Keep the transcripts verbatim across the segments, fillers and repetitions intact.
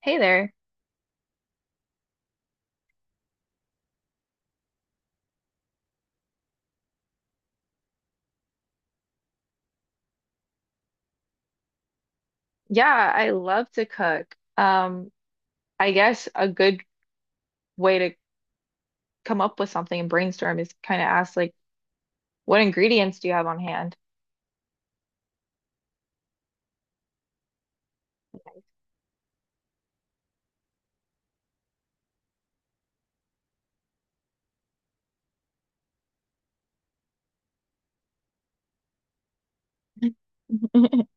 Hey there. Yeah, I love to cook. Um, I guess a good way to come up with something and brainstorm is kind of ask like, what ingredients do you have on hand?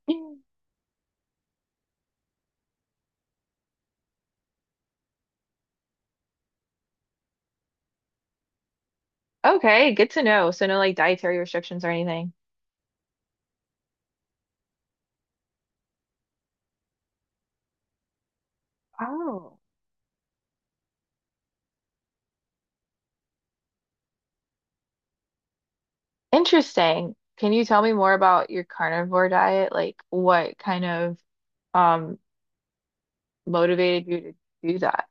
Okay, good to know. So no like dietary restrictions or anything. Oh, interesting. Can you tell me more about your carnivore diet? Like what kind of um motivated you to do that?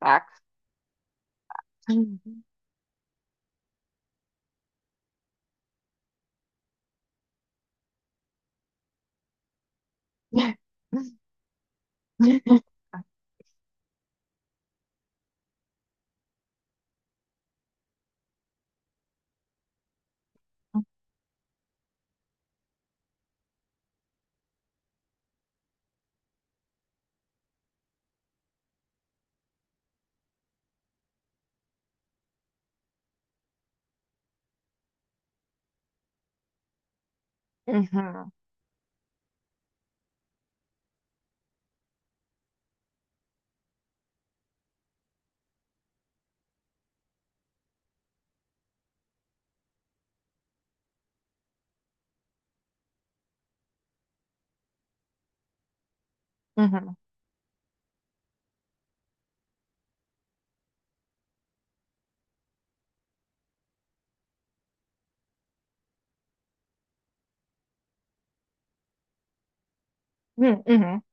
Facts. Hmm. Hmm. Hmm.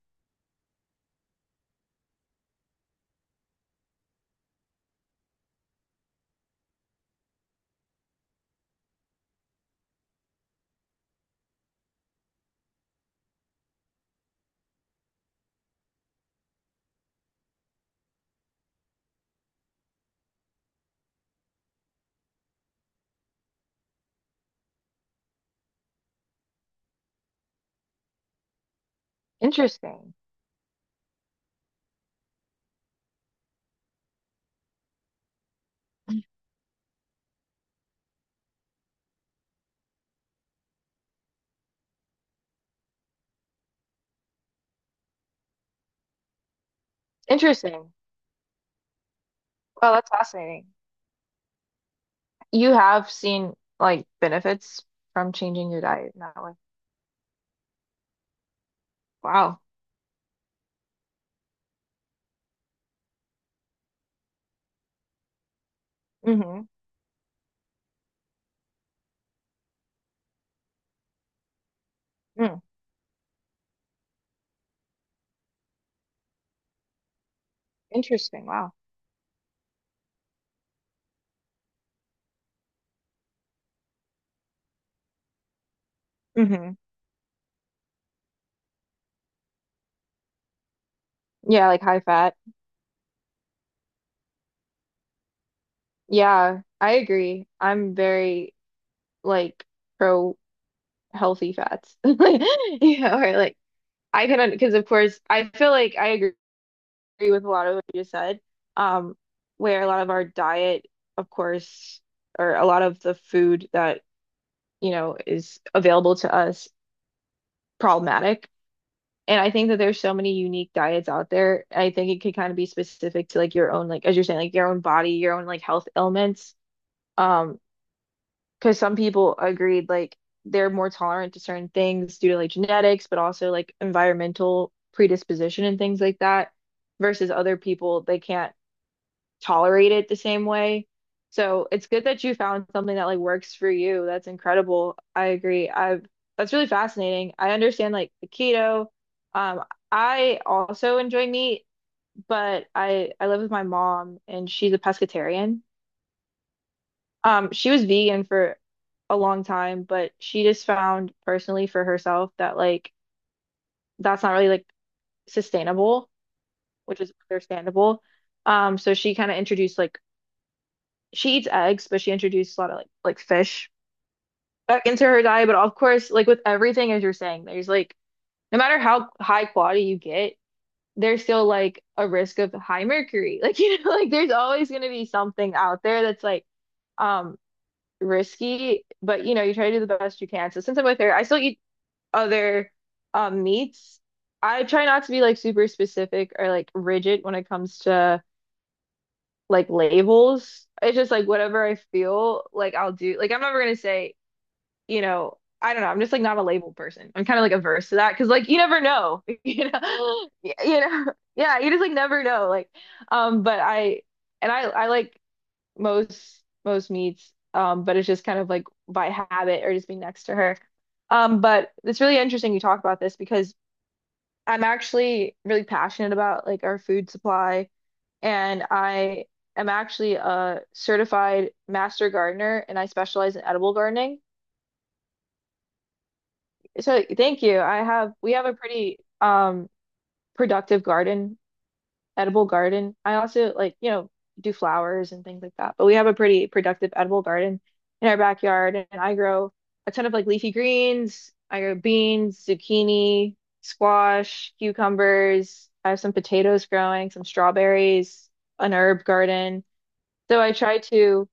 Interesting. Interesting. Well, that's fascinating. You have seen like benefits from changing your diet in that way. Wow. Hmm. Mm. Interesting. Wow. Hmm. Yeah, like high fat. Yeah, I agree. I'm very like pro healthy fats. Yeah, or like I can because of course I feel like I agree with a lot of what you just said. Um, where a lot of our diet, of course, or a lot of the food that you know is available to us problematic. And I think that there's so many unique diets out there. I think it could kind of be specific to like your own, like as you're saying, like your own body, your own like health ailments. Um, because some people agreed like they're more tolerant to certain things due to like genetics, but also like environmental predisposition and things like that, versus other people they can't tolerate it the same way. So it's good that you found something that like works for you. That's incredible. I agree. I've That's really fascinating. I understand like the keto. Um, I also enjoy meat, but I I live with my mom and she's a pescatarian. Um, she was vegan for a long time, but she just found personally for herself that like that's not really like sustainable, which is understandable. Um, so she kind of introduced like she eats eggs, but she introduced a lot of like like fish back into her diet. But of course, like with everything, as you're saying, there's like no matter how high quality you get, there's still like a risk of high mercury. Like you know, like there's always gonna be something out there that's like um risky, but you know, you try to do the best you can. So since I'm with her, I still eat other um meats. I try not to be like super specific or like rigid when it comes to like labels. It's just like whatever I feel like I'll do. Like I'm never gonna say, you know, I don't know. I'm just like not a label person. I'm kind of like averse to that because like you never know, you know, you know, yeah, you just like never know. Like, um, but I and I I like most most meats, um, but it's just kind of like by habit or just being next to her. Um, but it's really interesting you talk about this because I'm actually really passionate about like our food supply, and I am actually a certified master gardener, and I specialize in edible gardening. So thank you. I have We have a pretty um productive garden edible garden. I also like, you know, do flowers and things like that. But we have a pretty productive edible garden in our backyard, and I grow a ton of like leafy greens. I grow beans, zucchini, squash, cucumbers. I have some potatoes growing, some strawberries, an herb garden. So I try to,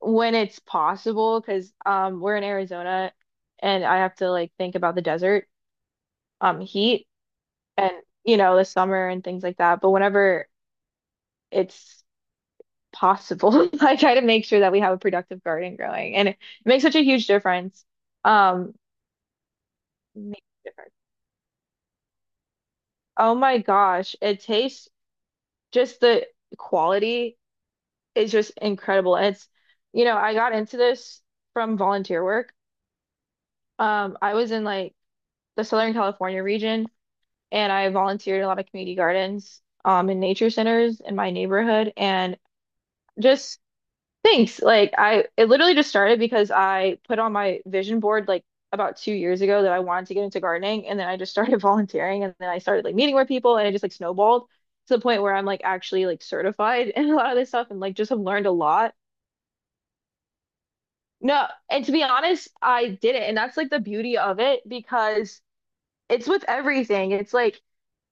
when it's possible, because um, we're in Arizona and I have to like think about the desert um heat and you know the summer and things like that. But whenever it's possible. I try to make sure that we have a productive garden growing, and it makes such a huge difference. Um, Makes a difference. Oh my gosh, it tastes just the quality is just incredible. And it's, you know, I got into this from volunteer work. Um, I was in like the Southern California region, and I volunteered in a lot of community gardens, um, and nature centers in my neighborhood, and just thanks. Like I it literally just started because I put on my vision board like about two years ago that I wanted to get into gardening and then I just started volunteering and then I started like meeting more people and it just like snowballed to the point where I'm like actually like certified in a lot of this stuff and like just have learned a lot. No, and to be honest, I did it and that's like the beauty of it because it's with everything. It's like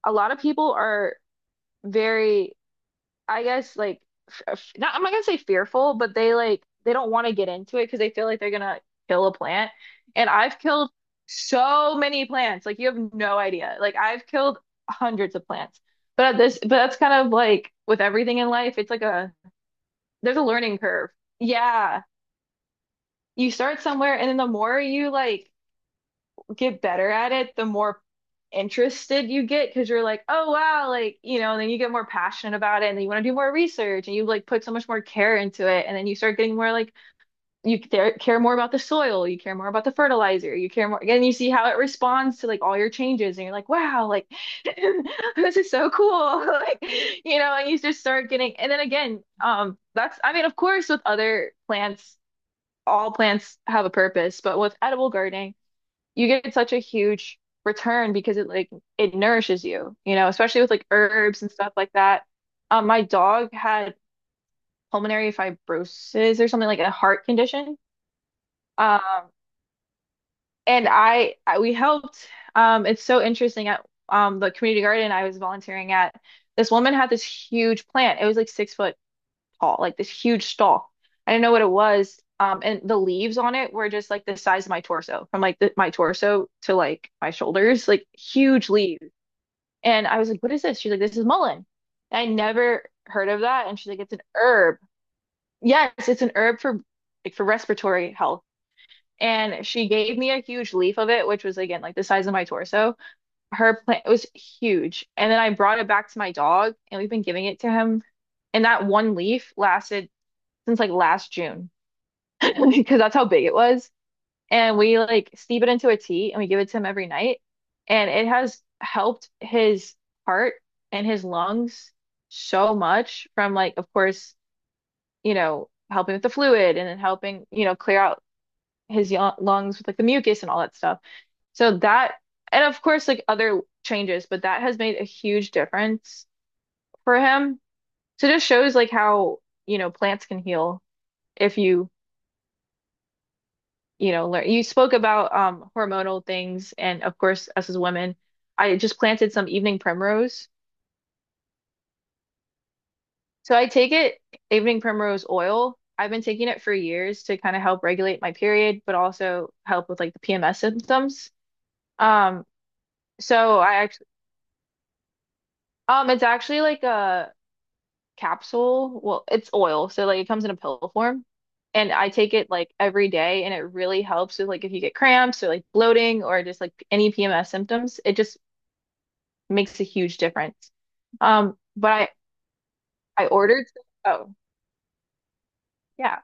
a lot of people are very I guess like f- not I'm not gonna say fearful, but they like they don't want to get into it because they feel like they're gonna kill a plant. And I've killed so many plants, like you have no idea. Like I've killed hundreds of plants. But at this, but that's kind of like with everything in life, it's like a there's a learning curve. Yeah, you start somewhere, and then the more you like get better at it, the more interested you get because you're like, oh wow, like, you know, and then you get more passionate about it and then you want to do more research and you like put so much more care into it. And then you start getting more like you care more about the soil, you care more about the fertilizer, you care more, and you see how it responds to like all your changes. And you're like, wow, like this is so cool. Like, you know, and you just start getting, and then again, um, that's, I mean, of course, with other plants, all plants have a purpose, but with edible gardening, you get such a huge return because it like it nourishes you, you know, especially with like herbs and stuff like that. Um, my dog had pulmonary fibrosis or something like a heart condition. Um, and I, I we helped. Um, it's so interesting at um the community garden I was volunteering at. This woman had this huge plant. It was like six foot tall, like this huge stalk. I didn't know what it was. Um, and the leaves on it were just like the size of my torso, from like the, my torso to like my shoulders, like huge leaves. And I was like, what is this? She's like, this is mullein. And I never heard of that. And she's like, it's an herb. Yes, it's an herb for like for respiratory health. And she gave me a huge leaf of it, which was again like the size of my torso. Her plant was huge. And then I brought it back to my dog, and we've been giving it to him. And that one leaf lasted since like last June because that's how big it was. And we like steep it into a tea and we give it to him every night. And it has helped his heart and his lungs so much from like, of course, you know, helping with the fluid and then helping, you know, clear out his lungs with like the mucus and all that stuff. So that, and of course, like other changes, but that has made a huge difference for him. So it just shows like how, you know, plants can heal if you you know, learn. You spoke about um, hormonal things, and of course, us as women, I just planted some evening primrose. So I take it, evening primrose oil. I've been taking it for years to kind of help regulate my period, but also help with like the P M S symptoms. Um, so I actually, um, it's actually like a capsule. Well, it's oil, so like it comes in a pill form. And I take it like every day, and it really helps with like if you get cramps or like bloating or just like any P M S symptoms. It just makes a huge difference. Um, but I I ordered. Oh yeah,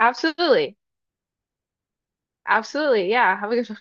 absolutely, absolutely. Yeah, have a good